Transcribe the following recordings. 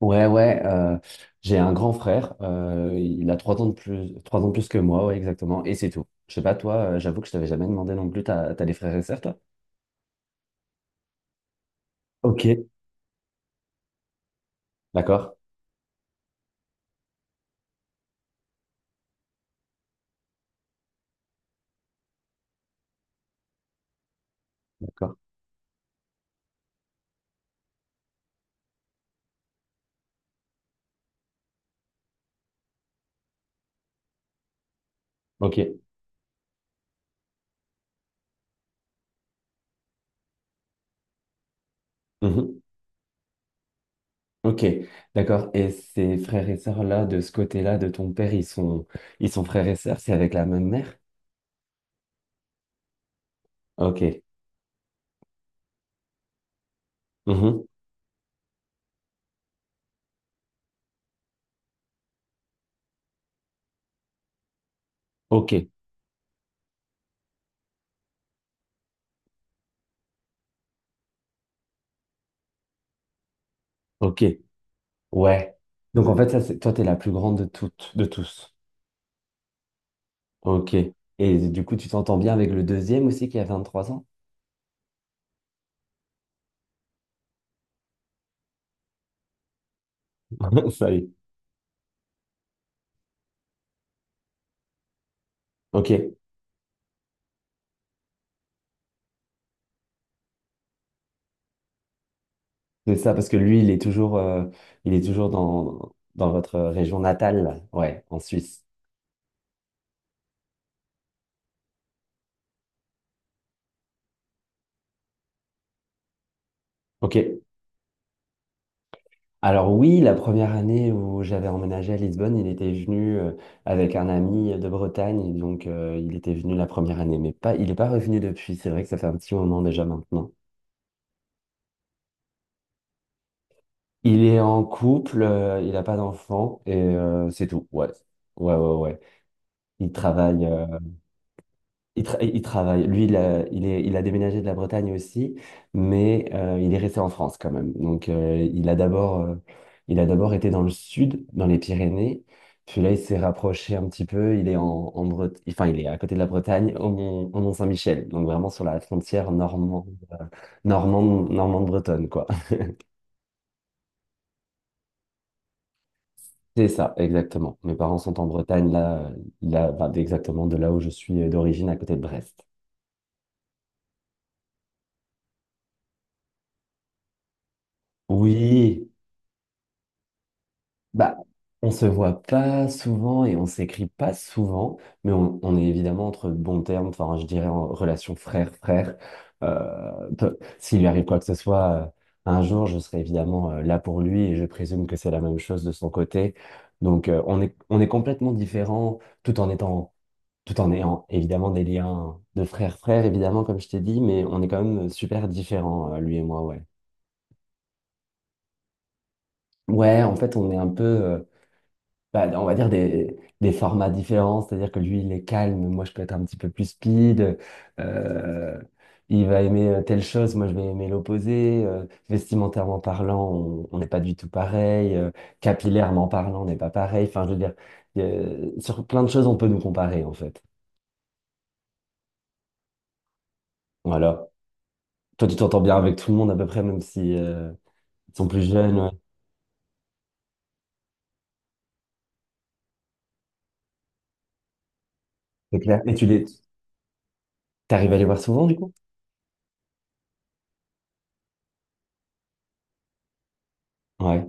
Ouais, ouais, j'ai un grand frère, il a 3 ans de plus, 3 ans de plus que moi, ouais, exactement, et c'est tout. Je sais pas, toi, j'avoue que je t'avais jamais demandé non plus, t'as des frères et sœurs, toi? Ok, d'accord, d'accord, ok, mhm, ok, d'accord. Et ces frères et sœurs là, de ce côté-là, de ton père, ils sont frères et sœurs, c'est avec la même mère? Ok, mhm, ok, ok, ouais. Donc en fait, ça, c'est, toi, t'es la plus grande de toutes, de tous. Ok. Et du coup, tu t'entends bien avec le deuxième aussi qui a 23 ans? Ça y est. Ok, c'est ça, parce que lui, il est toujours dans votre région natale, là. Ouais, en Suisse. Ok. Alors oui, la première année où j'avais emménagé à Lisbonne, il était venu avec un ami de Bretagne, et donc il était venu la première année, mais pas, il n'est pas revenu depuis. C'est vrai que ça fait un petit moment déjà maintenant. Il est en couple, il n'a pas d'enfant et c'est tout. Ouais, ouais, ouais, ouais. Il travaille. Il travaille. Lui, il a déménagé de la Bretagne aussi, mais il est resté en France quand même. Donc, il a d'abord été dans le sud, dans les Pyrénées. Puis là, il s'est rapproché un petit peu. Il est en, en Bret- Enfin, il est à côté de la Bretagne, au Mont-Saint-Michel. Donc, vraiment sur la frontière normande, normande bretonne, quoi. C'est ça, exactement. Mes parents sont en Bretagne, là, là, enfin, exactement de là où je suis d'origine, à côté de Brest. Oui. Bah, on se voit pas souvent et on s'écrit pas souvent, mais on est évidemment entre bons termes, enfin, je dirais en relation frère-frère. S'il lui arrive quoi que ce soit, un jour, je serai évidemment là pour lui et je présume que c'est la même chose de son côté. Donc, on est complètement différents tout en étant, tout en ayant évidemment des liens de frère-frère, évidemment, comme je t'ai dit, mais on est quand même super différents, lui et moi, ouais. Ouais, en fait, on est un peu. Bah, on va dire des formats différents, c'est-à-dire que lui, il est calme, moi, je peux être un petit peu plus speed, euh, il va aimer telle chose, moi, je vais aimer l'opposé, vestimentairement parlant, on n'est pas du tout pareil, capillairement parlant, on n'est pas pareil, enfin, je veux dire, sur plein de choses, on peut nous comparer, en fait. Voilà. Toi, tu t'entends bien avec tout le monde, à peu près, même si, ils sont plus jeunes, ouais. C'est clair. Mais tu les... T'arrives à les voir souvent, du coup? Ouais.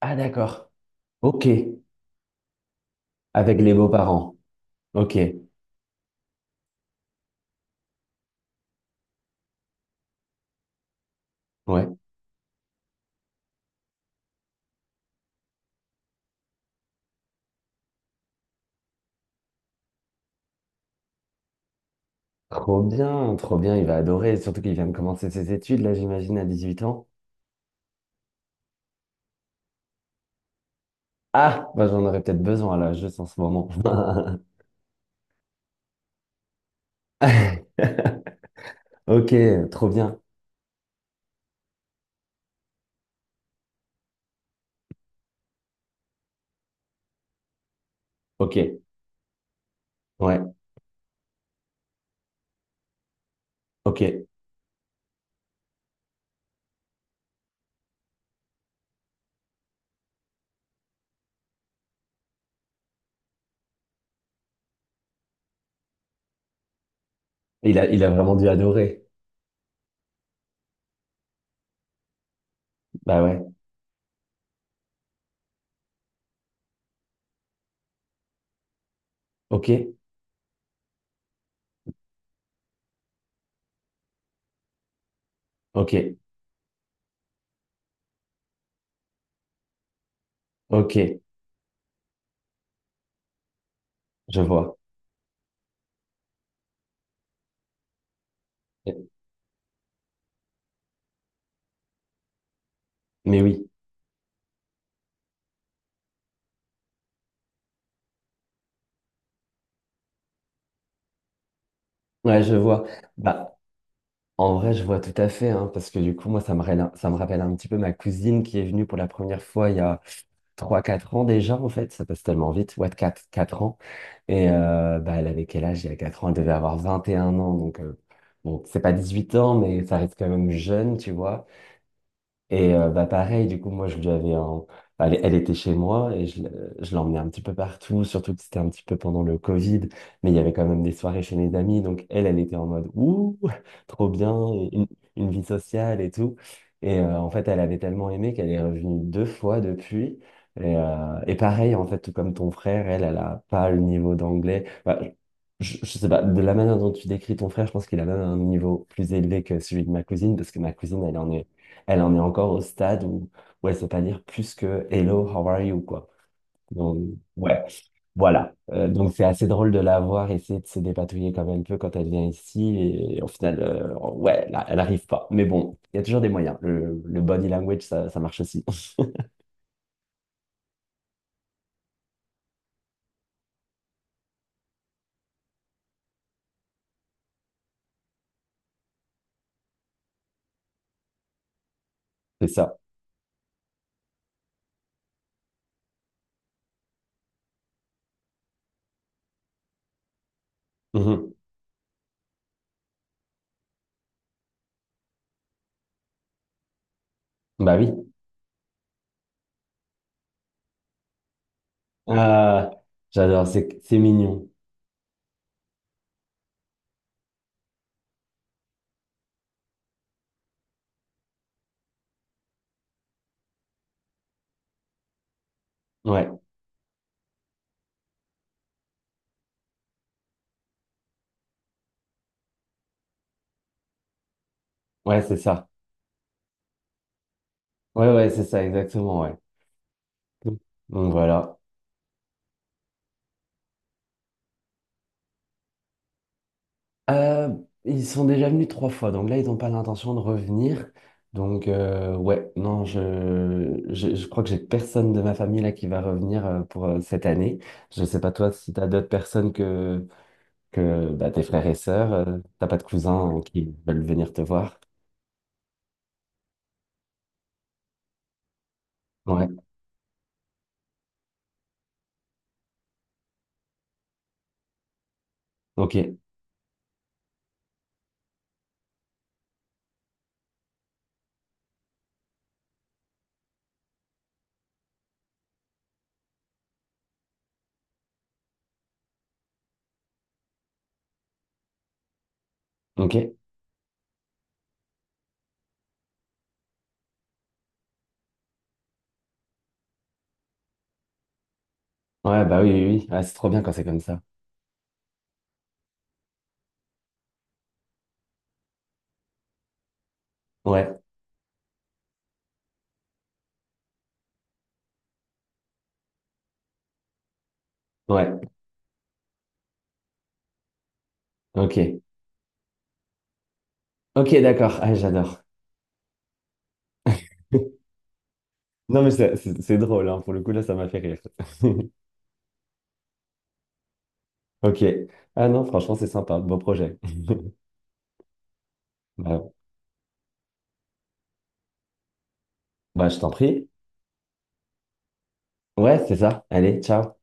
Ah, d'accord. Ok. Avec les beaux-parents. Ok. Ouais. Trop bien, il va adorer, surtout qu'il vient de commencer ses études, là j'imagine, à 18 ans. Ah, bah, j'en aurais peut-être besoin là, juste en ce moment. Ok, trop bien. Ok, ouais, ok. Il a vraiment dû adorer. Bah ouais, ok, ok, ok, je vois. Mais oui, ouais, je vois. Bah, en vrai, je vois tout à fait, hein, parce que du coup, moi, ça me rappelle un petit peu ma cousine qui est venue pour la première fois il y a trois, quatre ans déjà, en fait. Ça passe tellement vite, ouais, 4, 4 ans. Et bah, elle avait quel âge? Il y a 4 ans, elle devait avoir 21 ans. Donc, bon, c'est pas 18 ans, mais ça reste quand même jeune, tu vois. Et bah pareil, du coup, moi, je lui avais un... Elle, elle était chez moi et je l'emmenais un petit peu partout, surtout que c'était un petit peu pendant le Covid, mais il y avait quand même des soirées chez mes amis. Donc, elle, elle était en mode, ouh, trop bien, une, une vie sociale et tout. Et en fait, elle avait tellement aimé qu'elle est revenue deux fois depuis. Et, pareil, en fait, tout comme ton frère, elle, elle a pas le niveau d'anglais. Bah, je sais pas, de la manière dont tu décris ton frère, je pense qu'il a même un niveau plus élevé que celui de ma cousine, parce que ma cousine, elle en est encore au stade où elle sait pas dire plus que Hello, how are you, quoi. Donc, ouais, voilà. Donc, c'est assez drôle de la voir essayer de se dépatouiller comme elle peut quand elle vient ici. Et, au final, ouais, là, elle arrive pas. Mais bon, il y a toujours des moyens. Le body language, ça marche aussi. C'est ça. Mhm. Bah oui. Euh, J'adore, c'est mignon. Ouais, ouais, c'est ça. Ouais, ouais, c'est ça, exactement, ouais. Donc voilà. Euh, Ils sont déjà venus trois fois, donc là, ils n'ont pas l'intention de revenir. Donc, ouais, non, je crois que j'ai personne de ma famille là qui va revenir pour cette année. Je ne sais pas toi si tu as d'autres personnes que, bah, tes frères et sœurs, t'as pas de cousins qui veulent venir te voir. Ouais, ok, ok. Ouais, bah oui, oui, oui. Ah, c'est trop bien quand c'est comme ça. Ouais, ouais, ok. Ok, d'accord, ah, j'adore. Non, mais c'est drôle, hein. Pour le coup, là, ça m'a fait rire. Ok. Ah non, franchement, c'est sympa. Beau projet. Bah, bah, je t'en prie. Ouais, c'est ça. Allez, ciao.